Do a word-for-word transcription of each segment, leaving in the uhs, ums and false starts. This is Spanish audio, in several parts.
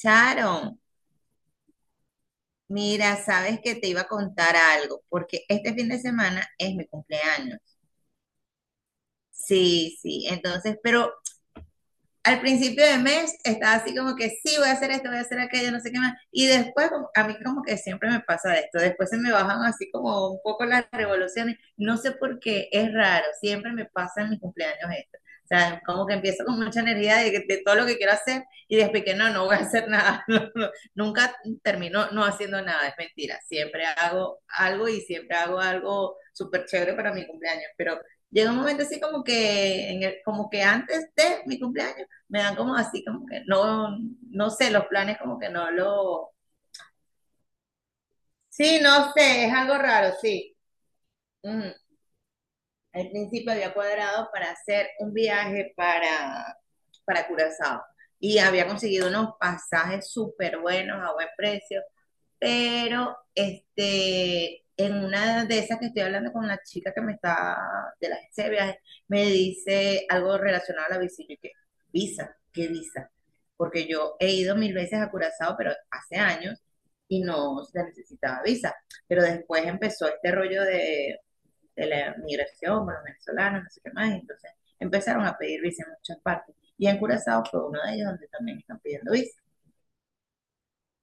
Sharon, mira, sabes que te iba a contar algo, porque este fin de semana es mi cumpleaños. Sí, sí, entonces, pero al principio de mes estaba así como que sí, voy a hacer esto, voy a hacer aquello, no sé qué más. Y después, como- a mí como que siempre me pasa esto, después se me bajan así como un poco las revoluciones. No sé por qué, es raro, siempre me pasa en mis cumpleaños esto. O sea, como que empiezo con mucha energía de, de todo lo que quiero hacer y después que no, no voy a hacer nada. No, no, nunca termino no haciendo nada, es mentira. Siempre hago algo y siempre hago algo súper chévere para mi cumpleaños, pero... Llega un momento así como que, en el- como que antes de mi cumpleaños me dan como así, como que no, no sé, los planes como que no lo... Sí, no sé, es algo raro, sí. Ujú. Al principio había cuadrado para hacer un viaje para, para Curazao y había conseguido unos pasajes súper buenos a buen precio, pero este, en una de esas que estoy hablando con la chica que me está de la agencia de viajes, me dice algo relacionado a la visa. Y yo, ¿qué? ¿Visa? ¿Qué visa? Porque yo he ido mil veces a Curazao, pero hace años y no se necesitaba visa. Pero después empezó este rollo de, de la migración, los venezolanos, no sé qué más, y entonces empezaron a pedir visa en muchas partes. Y en Curazao fue uno de ellos donde también están pidiendo visa.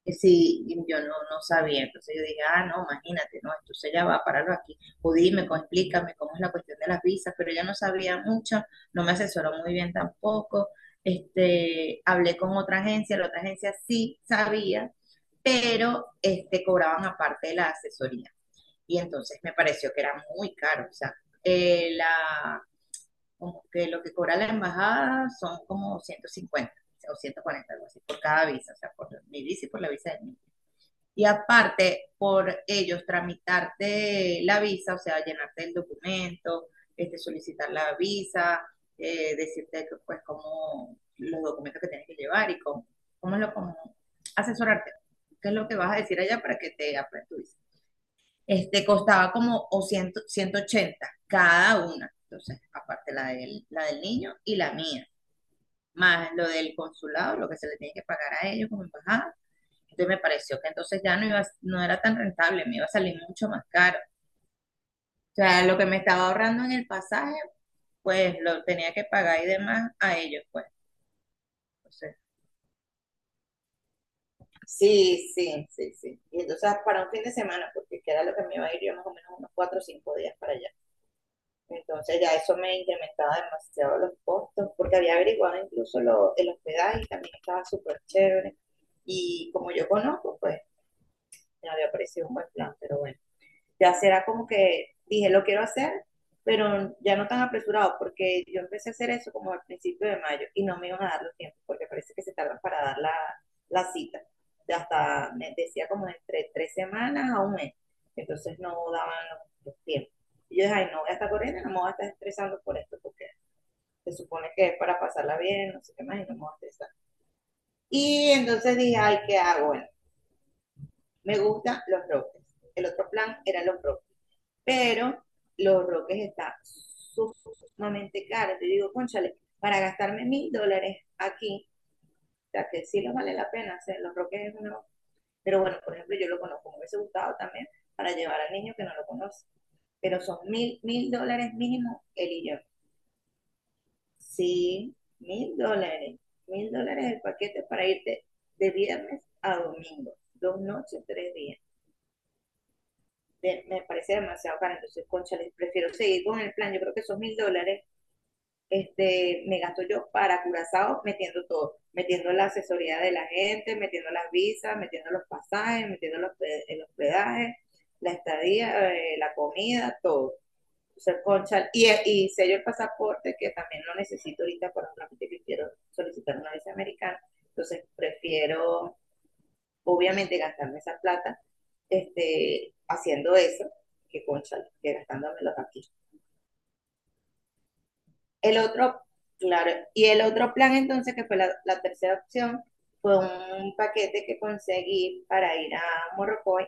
Sí, y yo no, no sabía, entonces yo dije, ah, no, imagínate, no, entonces ella va a pararlo aquí, o dime, co- explícame cómo es la cuestión de las visas, pero ella no sabía mucho, no me asesoró muy bien tampoco, este, hablé con otra agencia, la otra agencia sí sabía, pero este, cobraban aparte de la asesoría, y entonces me pareció que era muy caro, o sea, eh, la, como que lo que cobra la embajada son como ciento cincuenta o ciento cuarenta, algo así, por cada visa, o sea, por mi visa y por la visa de, y aparte, por ellos tramitarte la visa, o sea, llenarte el documento, este, solicitar la visa, eh, decirte que, pues cómo los documentos que tienes que llevar y cómo, cómo es lo como asesorarte, qué es lo que vas a decir allá para que te aprueben tu visa. Este costaba como o cien, ciento ochenta cada una, entonces, aparte la del, la del niño y la mía, más lo del consulado, lo que se le tiene que pagar a ellos como embajada, entonces me pareció que entonces ya no, iba, no era tan rentable, me iba a salir mucho más caro. O sea, lo que me estaba ahorrando en el pasaje, pues lo tenía que pagar y demás a ellos, pues. Entonces, sí, sí, sí, sí. Y entonces para un fin de semana, porque que era lo que me iba a ir yo más o menos unos cuatro o cinco días para allá. Entonces ya eso me incrementaba demasiado los costos, porque había averiguado incluso lo, el hospedaje y también estaba súper chévere. Y como yo conozco, pues me había parecido un buen plan, pero bueno, ya será como que dije, lo quiero hacer, pero ya no tan apresurado, porque yo empecé a hacer eso como al principio de mayo y no me iban a dar los tiempos, porque parece que se tardan para dar la, la cita. Hasta me decía como entre tres semanas a un mes, entonces no daban los, los tiempos. Y yo dije, ay, no voy a estar corriendo, no me voy a estar estresando por esto, porque se supone que es para pasarla bien, no sé qué más, y no me voy a estresar. Y entonces dije, ay, ¿qué hago? Bueno, me gustan los roques. El otro plan eran los roques, pero Los Roques está sumamente caro. Te digo, cónchale, para gastarme mil dólares aquí, o sea, que sí lo vale la pena, o sea, Los Roques es uno, pero bueno, por ejemplo, yo lo conozco, me hubiese gustado también para llevar al niño que no lo conoce, pero son mil, mil dólares mínimo él y yo. Sí, mil dólares, mil dólares el paquete para irte de viernes a domingo, dos noches, tres días. De- me parece demasiado caro, entonces, cónchale, prefiero seguir con el plan, yo creo que esos mil dólares, este, me gasto yo para Curazao metiendo todo, metiendo la asesoría de la gente, metiendo las visas, metiendo los pasajes, metiendo los, el hospedaje, la estadía, eh, la comida, todo. O sea, concha, y, y sello el pasaporte, que también lo necesito ahorita por un trámite que quiero solicitar una visa americana. Entonces, prefiero, obviamente, gastarme esa plata, este, haciendo eso que, concha, que gastándomelo aquí. El otro, claro, y el otro plan entonces, que fue la, la tercera opción, fue un paquete que conseguí para ir a Morrocoy,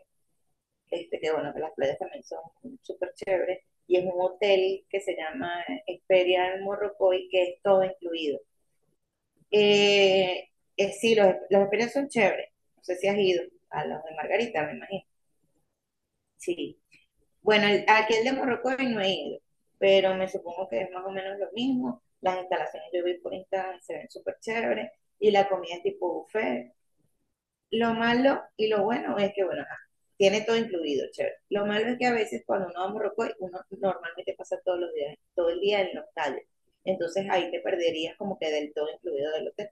este, que bueno, que las playas también son súper chéveres, y es un hotel que se llama Experian Morrocoy, que es todo incluido. Eh, eh, sí, los, los Experian son chéveres, no sé si has ido a los de Margarita, me imagino. Sí, bueno, el- aquí el de Morrocoy no he ido, pero me supongo que es más o menos lo mismo. Las instalaciones yo vi por Instagram, se ven súper chéveres y la comida es tipo buffet. Lo malo y lo bueno es que, bueno, tiene todo incluido, chévere. Lo malo es que a veces cuando uno va a Morrocoy, uno normalmente pasa todos los días, todo el día en los calles. Entonces ahí te perderías como que del todo incluido del hotel.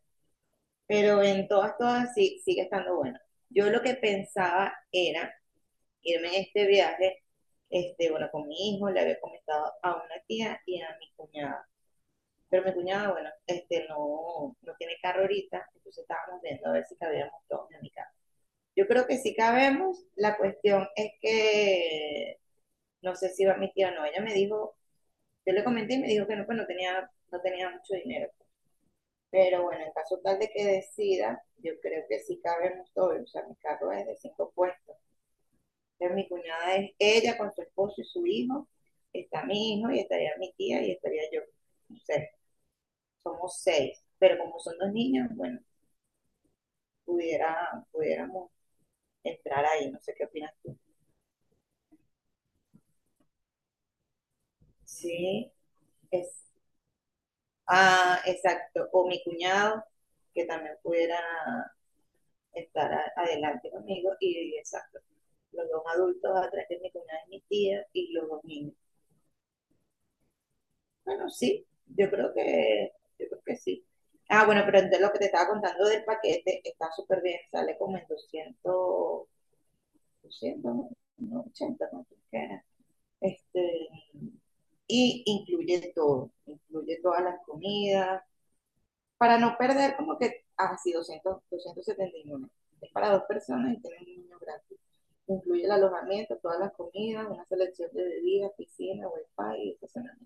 Pero en todas, todas sí, sigue estando bueno. Yo lo que pensaba era irme en este viaje, este, bueno, con mi hijo, le había comentado a una tía y a mi cuñada. Pero mi cuñada, bueno, este, no, no tiene carro ahorita, entonces estábamos viendo a ver si cabíamos todos en mi casa. Yo creo que sí cabemos, la cuestión es que no sé si va mi tía o no, ella me dijo, yo le comenté y me dijo que no, pues no tenía, no tenía mucho dinero. Pero bueno, en caso tal de que decida, yo creo que sí cabemos todos, o sea, mi carro es de cinco puestos. Entonces, mi cuñada es ella con su esposo y su hijo, está mi hijo y estaría mi tía y estaría yo. No sé, somos seis, pero como son dos niños, bueno, pudiera, pudiéramos entrar ahí, no sé qué opinas tú. Sí, es, ah, exacto, o mi cuñado, que también pudiera estar a- adelante conmigo y, exacto, los dos adultos atrás de mi cuñada y mi tía y los dos niños. Bueno, sí, yo creo que, yo creo que sí. Ah, bueno, pero entonces lo que te estaba contando del paquete está súper bien, sale como en doscientos doscientos, no, no, ochenta, no sé qué. Este, y incluye todo, incluye todas las comidas, para no perder como que, así doscientos, doscientos setenta y doscientos setenta y uno. Es para dos personas y tiene un niño gratis. Incluye el alojamiento, todas las comidas, una selección de bebidas, piscina, wifi y estacionamiento.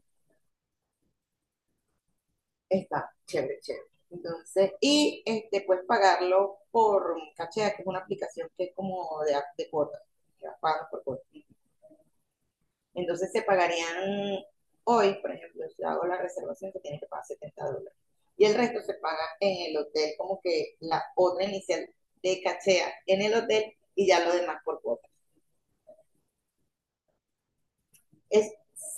Está chévere, chévere. Entonces, y este, puedes pagarlo por Cachea, que es una aplicación que es como de, de cuotas, que vas pagando por cuotas. Entonces, se pagarían hoy, por ejemplo, si hago la reservación, que tiene que pagar setenta dólares. Y el resto se paga en el hotel, como que la otra inicial de Cachea en el hotel y ya lo demás por cuotas. Es,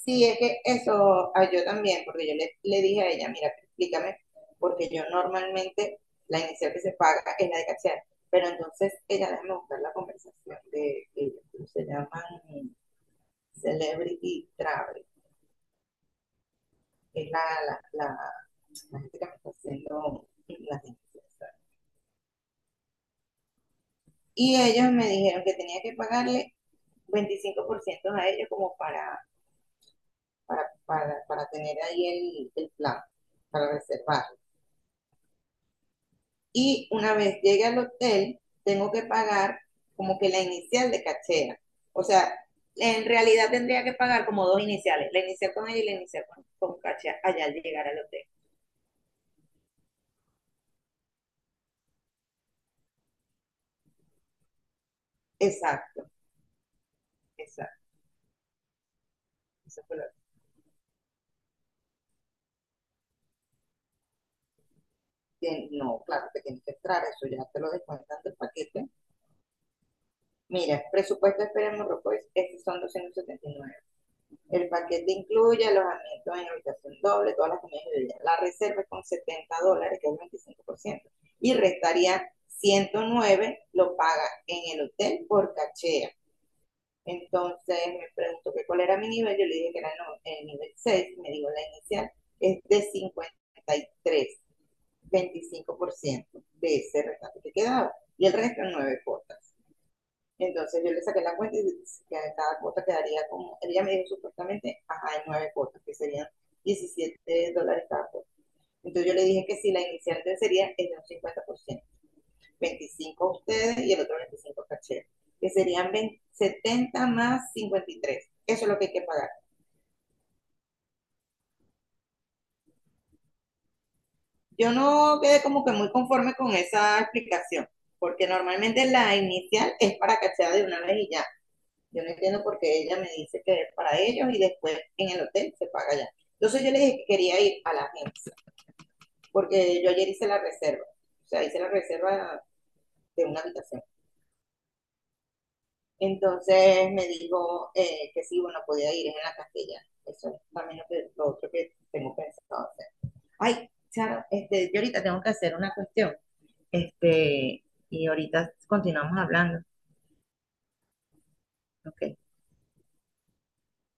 sí, es que eso a yo también, porque yo le, le dije a ella, mira, explícame, porque yo normalmente la inicial que se paga es la de cachear, pero entonces ella, déjame buscar la conversación de, de se llaman Celebrity Travel, es la, la, la, la gente que me está haciendo las iniciales. Y ellos me dijeron que tenía que pagarle veinticinco por ciento a ellos como para, para, para, para tener ahí el, el plan, para reservar. Y una vez llegue al hotel, tengo que pagar como que la inicial de cachera. O sea, en realidad tendría que pagar como dos iniciales, la inicial con ella y la inicial con, con cachera allá al llegar al hotel. Exacto, exacto. Eso fue lo que... No, claro, te tienes que entrar, eso ya te lo descuentan del paquete. Mira, presupuesto de esperemos, Morrocoy, estos son doscientos setenta y nueve. El paquete incluye alojamiento en habitación doble, todas las comidas y bebidas. La reserva es con setenta dólares, que es el veinticinco por ciento, y restaría ciento nueve, lo paga en el hotel por cachea. Entonces me preguntó que cuál era mi nivel, yo le dije que era el nivel seis. Me dijo la inicial, es de cincuenta y tres, veinticinco por ciento de ese rescate que quedaba. Y el resto en nueve cuotas. Entonces yo le saqué la cuenta y que cada cuota quedaría como, ella me dijo supuestamente, ajá, en nueve cuotas, que serían diecisiete dólares cada cuota. Entonces yo le dije que si la inicial sería el de un cincuenta por ciento, veinticinco ustedes y el otro veinticinco caché, que serían setenta más cincuenta y tres. Eso es lo que hay que pagar. Yo no quedé como que muy conforme con esa explicación, porque normalmente la inicial es para cachar de una vez y ya. Yo no entiendo por qué ella me dice que es para ellos y después en el hotel se paga ya. Entonces yo le dije que quería ir a la agencia, porque yo ayer hice la reserva, o sea, hice la reserva de una habitación. Entonces me dijo, eh, que sí, bueno, podía ir, es en la castellana. Eso es también lo, que, lo otro que tengo pensado hacer. Ay, Charo, este, yo ahorita tengo que hacer una cuestión, este, y ahorita continuamos hablando, ¿ok?